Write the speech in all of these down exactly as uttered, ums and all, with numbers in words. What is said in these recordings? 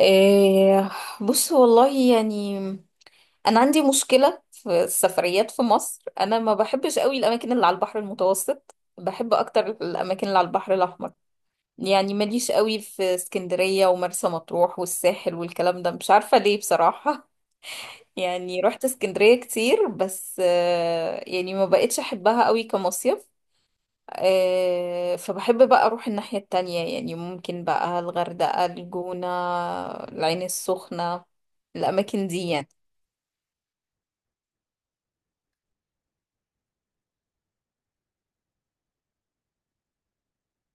إيه، بص والله يعني انا عندي مشكله في السفريات في مصر. انا ما بحبش قوي الاماكن اللي على البحر المتوسط، بحب اكتر الاماكن اللي على البحر الاحمر. يعني ماليش قوي في اسكندريه ومرسى مطروح والساحل والكلام ده، مش عارفه ليه بصراحه. يعني رحت اسكندريه كتير بس آه، يعني ما بقتش احبها قوي كمصيف. آه، فبحب بقى اروح الناحية التانية، يعني ممكن بقى الغردقة، الجونة، العين السخنة، الاماكن دي يعني.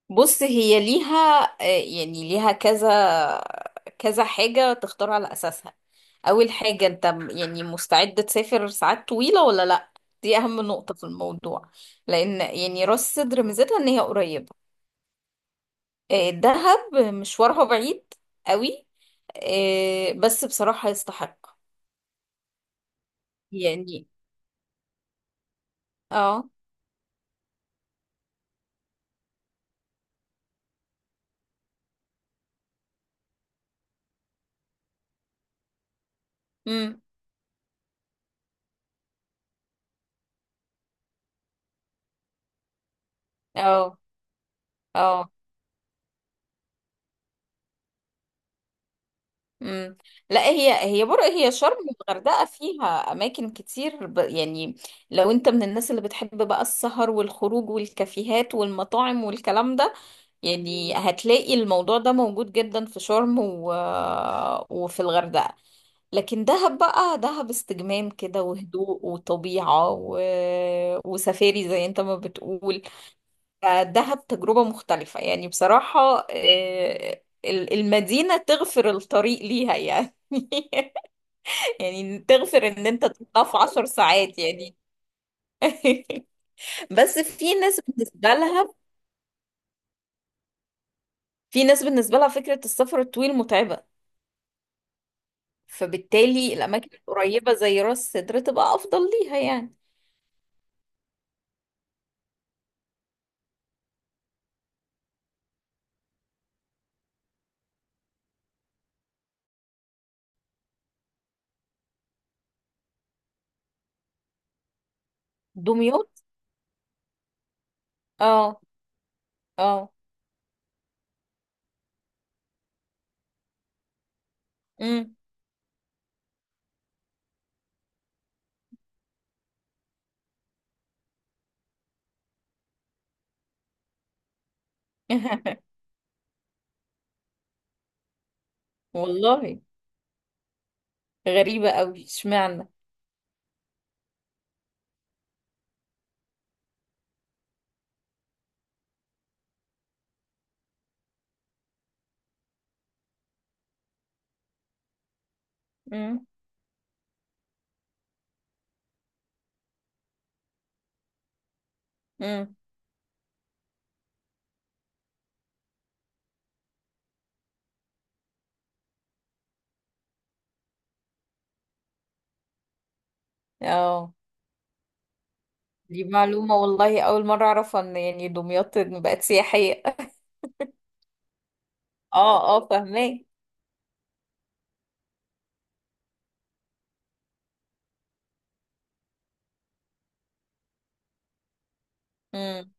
بص هي ليها آه، يعني ليها كذا كذا حاجة تختار على اساسها. اول حاجة، انت م- يعني مستعد تسافر ساعات طويلة ولا لا؟ دي اهم نقطة في الموضوع. لان يعني راس سدر ميزتها ان هي قريبة. آه، دهب مشوارها بعيد قوي. آه، بس بصراحة يستحق يعني. اه، امم، اه اه، امم. لا، هي هي بر، هي شرم والغردقه فيها اماكن كتير ب... يعني لو انت من الناس اللي بتحب بقى السهر والخروج والكافيهات والمطاعم والكلام ده، يعني هتلاقي الموضوع ده موجود جدا في شرم و... وفي الغردقه. لكن دهب بقى، دهب استجمام كده وهدوء وطبيعه و... وسفاري زي انت ما بتقول. فدهب تجربة مختلفة يعني بصراحة. آه، ال- المدينة تغفر الطريق ليها يعني. يعني تغفر ان انت تطلع في عشر ساعات يعني. بس في ناس بالنسبة لها، في ناس بالنسبة لها فكرة السفر الطويل متعبة. فبالتالي الأماكن القريبة زي راس سدر تبقى أفضل ليها يعني. دمياط؟ اه اه. امم. والله غريبة قوي، اشمعنى؟ امم، امم، اه. دي معلومة والله، أول مرة أعرف إن يعني دمياط بقت سياحية. اه اه، فاهماه. مم.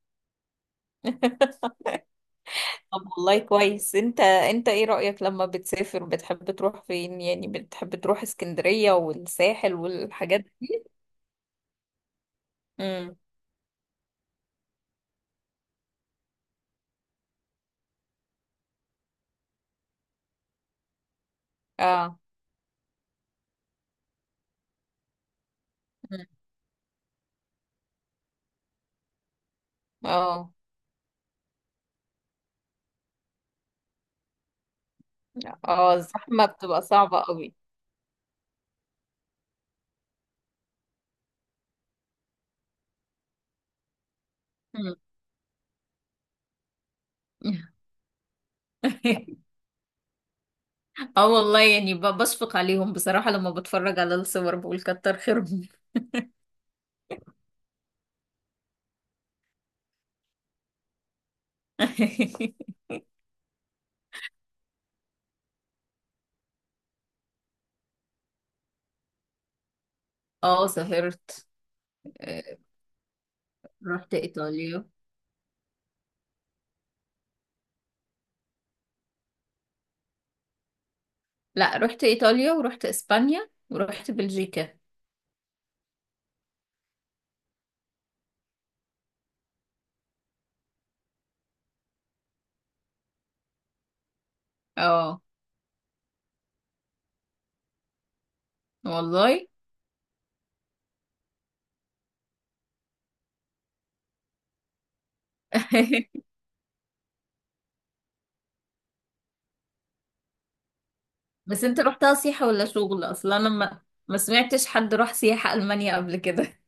طب والله كويس، انت انت ايه رأيك لما بتسافر بتحب تروح فين؟ يعني بتحب تروح اسكندرية والساحل والحاجات دي؟ امم، اه. مم. اه اه، الزحمة بتبقى صعبة قوي. مم. اه والله يعني، ب- بشفق عليهم بصراحة، لما بتفرج على الصور بقول كتر خيرهم. اه سافرت. آه، رحت ايطاليا. لا، رحت ايطاليا ورحت اسبانيا ورحت بلجيكا. اه والله. بس انت رحتها سياحة ولا شغل؟ اصلا انا ما ما سمعتش حد راح سياحة المانيا قبل كده.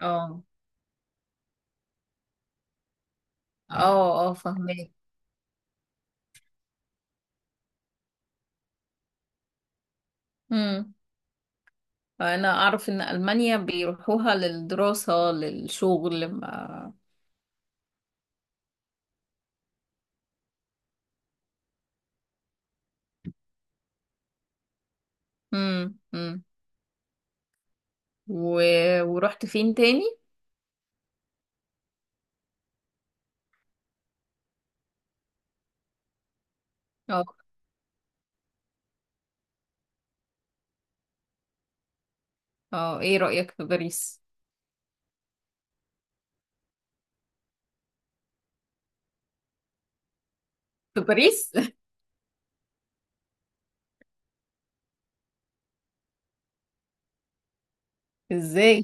اه اه، اه فهمت. امم، انا اعرف ان المانيا بيروحوها للدراسة للشغل. ما امم امم و... ورحت فين تاني؟ اه اه، ايه رأيك في باريس؟ في باريس؟ ازاي؟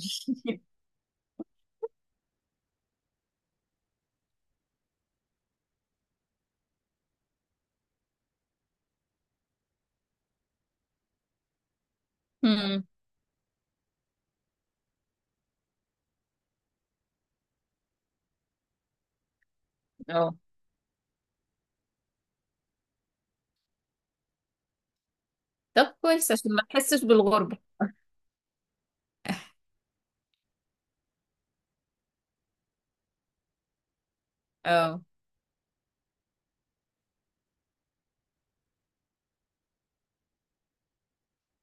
امم، اه. طب كويس عشان ما تحسش بالغربة. اه،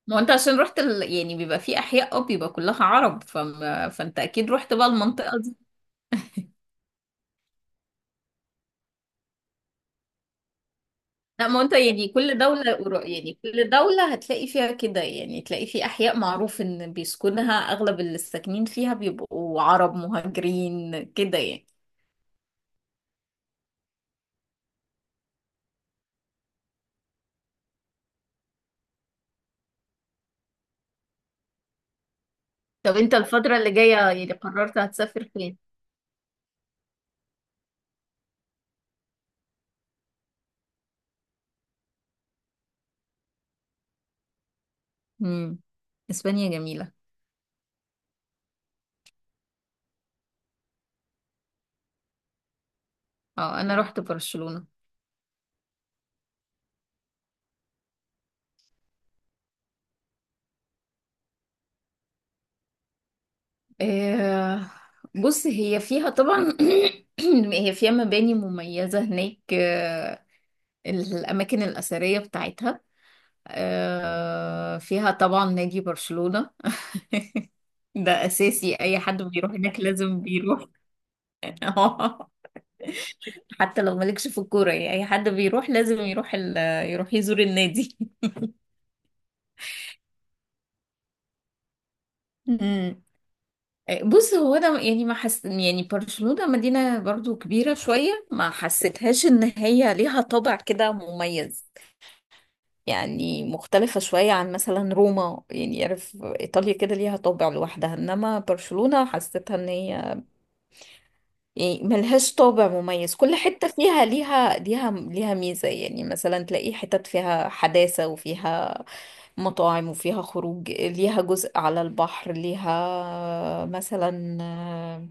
ما هو انت عشان رحت ال... يعني بيبقى في احياء، اه بيبقى كلها عرب فما... فانت اكيد رحت بقى المنطقه دي. لا ما هو انت يعني، كل دوله قرا- يعني كل دوله هتلاقي فيها كده، يعني تلاقي في احياء معروف ان بيسكنها اغلب اللي ساكنين فيها بيبقوا عرب مهاجرين كده يعني. طب انت الفتره اللي جايه يعني قررت هتسافر فين؟ امم، اسبانيا جميله. اه، انا رحت برشلونه. آه، بص هي فيها طبعا هي فيها مباني مميزة هناك، آه، الأماكن الأثرية بتاعتها. آه، فيها طبعا نادي برشلونة. ده أساسي، أي حد بيروح هناك لازم بيروح. حتى لو مالكش في الكورة يعني، أي حد بيروح لازم يروح ال... يروح يزور النادي. مم. بص هو أنا يعني ما حس، يعني برشلونة مدينة برضو كبيرة شوية، ما حسيتهاش إن هي ليها طابع كده مميز. يعني مختلفة شوية عن مثلا روما، يعني عارف إيطاليا كده ليها طابع لوحدها، إنما برشلونة حسيتها إن هي يعني ملهاش طابع مميز. كل حتة فيها ليها، ليها ليها ميزة، يعني مثلا تلاقي حتت فيها حداثة وفيها مطاعم وفيها خروج، ليها جزء على البحر، ليها مثلا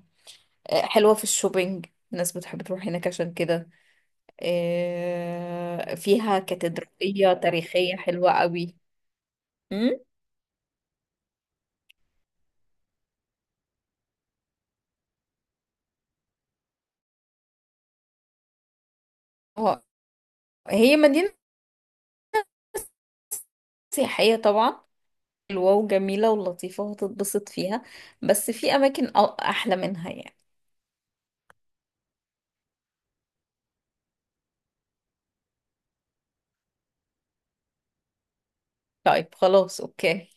آه، حلوة في الشوبينج، الناس بتحب تروح هناك عشان كده. آه، فيها كاتدرائية تاريخية حلوة قوي. مم؟ هي مدينة سياحية طبعا، حلوة وجميلة ولطيفة وهتتبسط فيها، بس في أماكن أ- أحلى منها يعني. طيب خلاص، أوكي.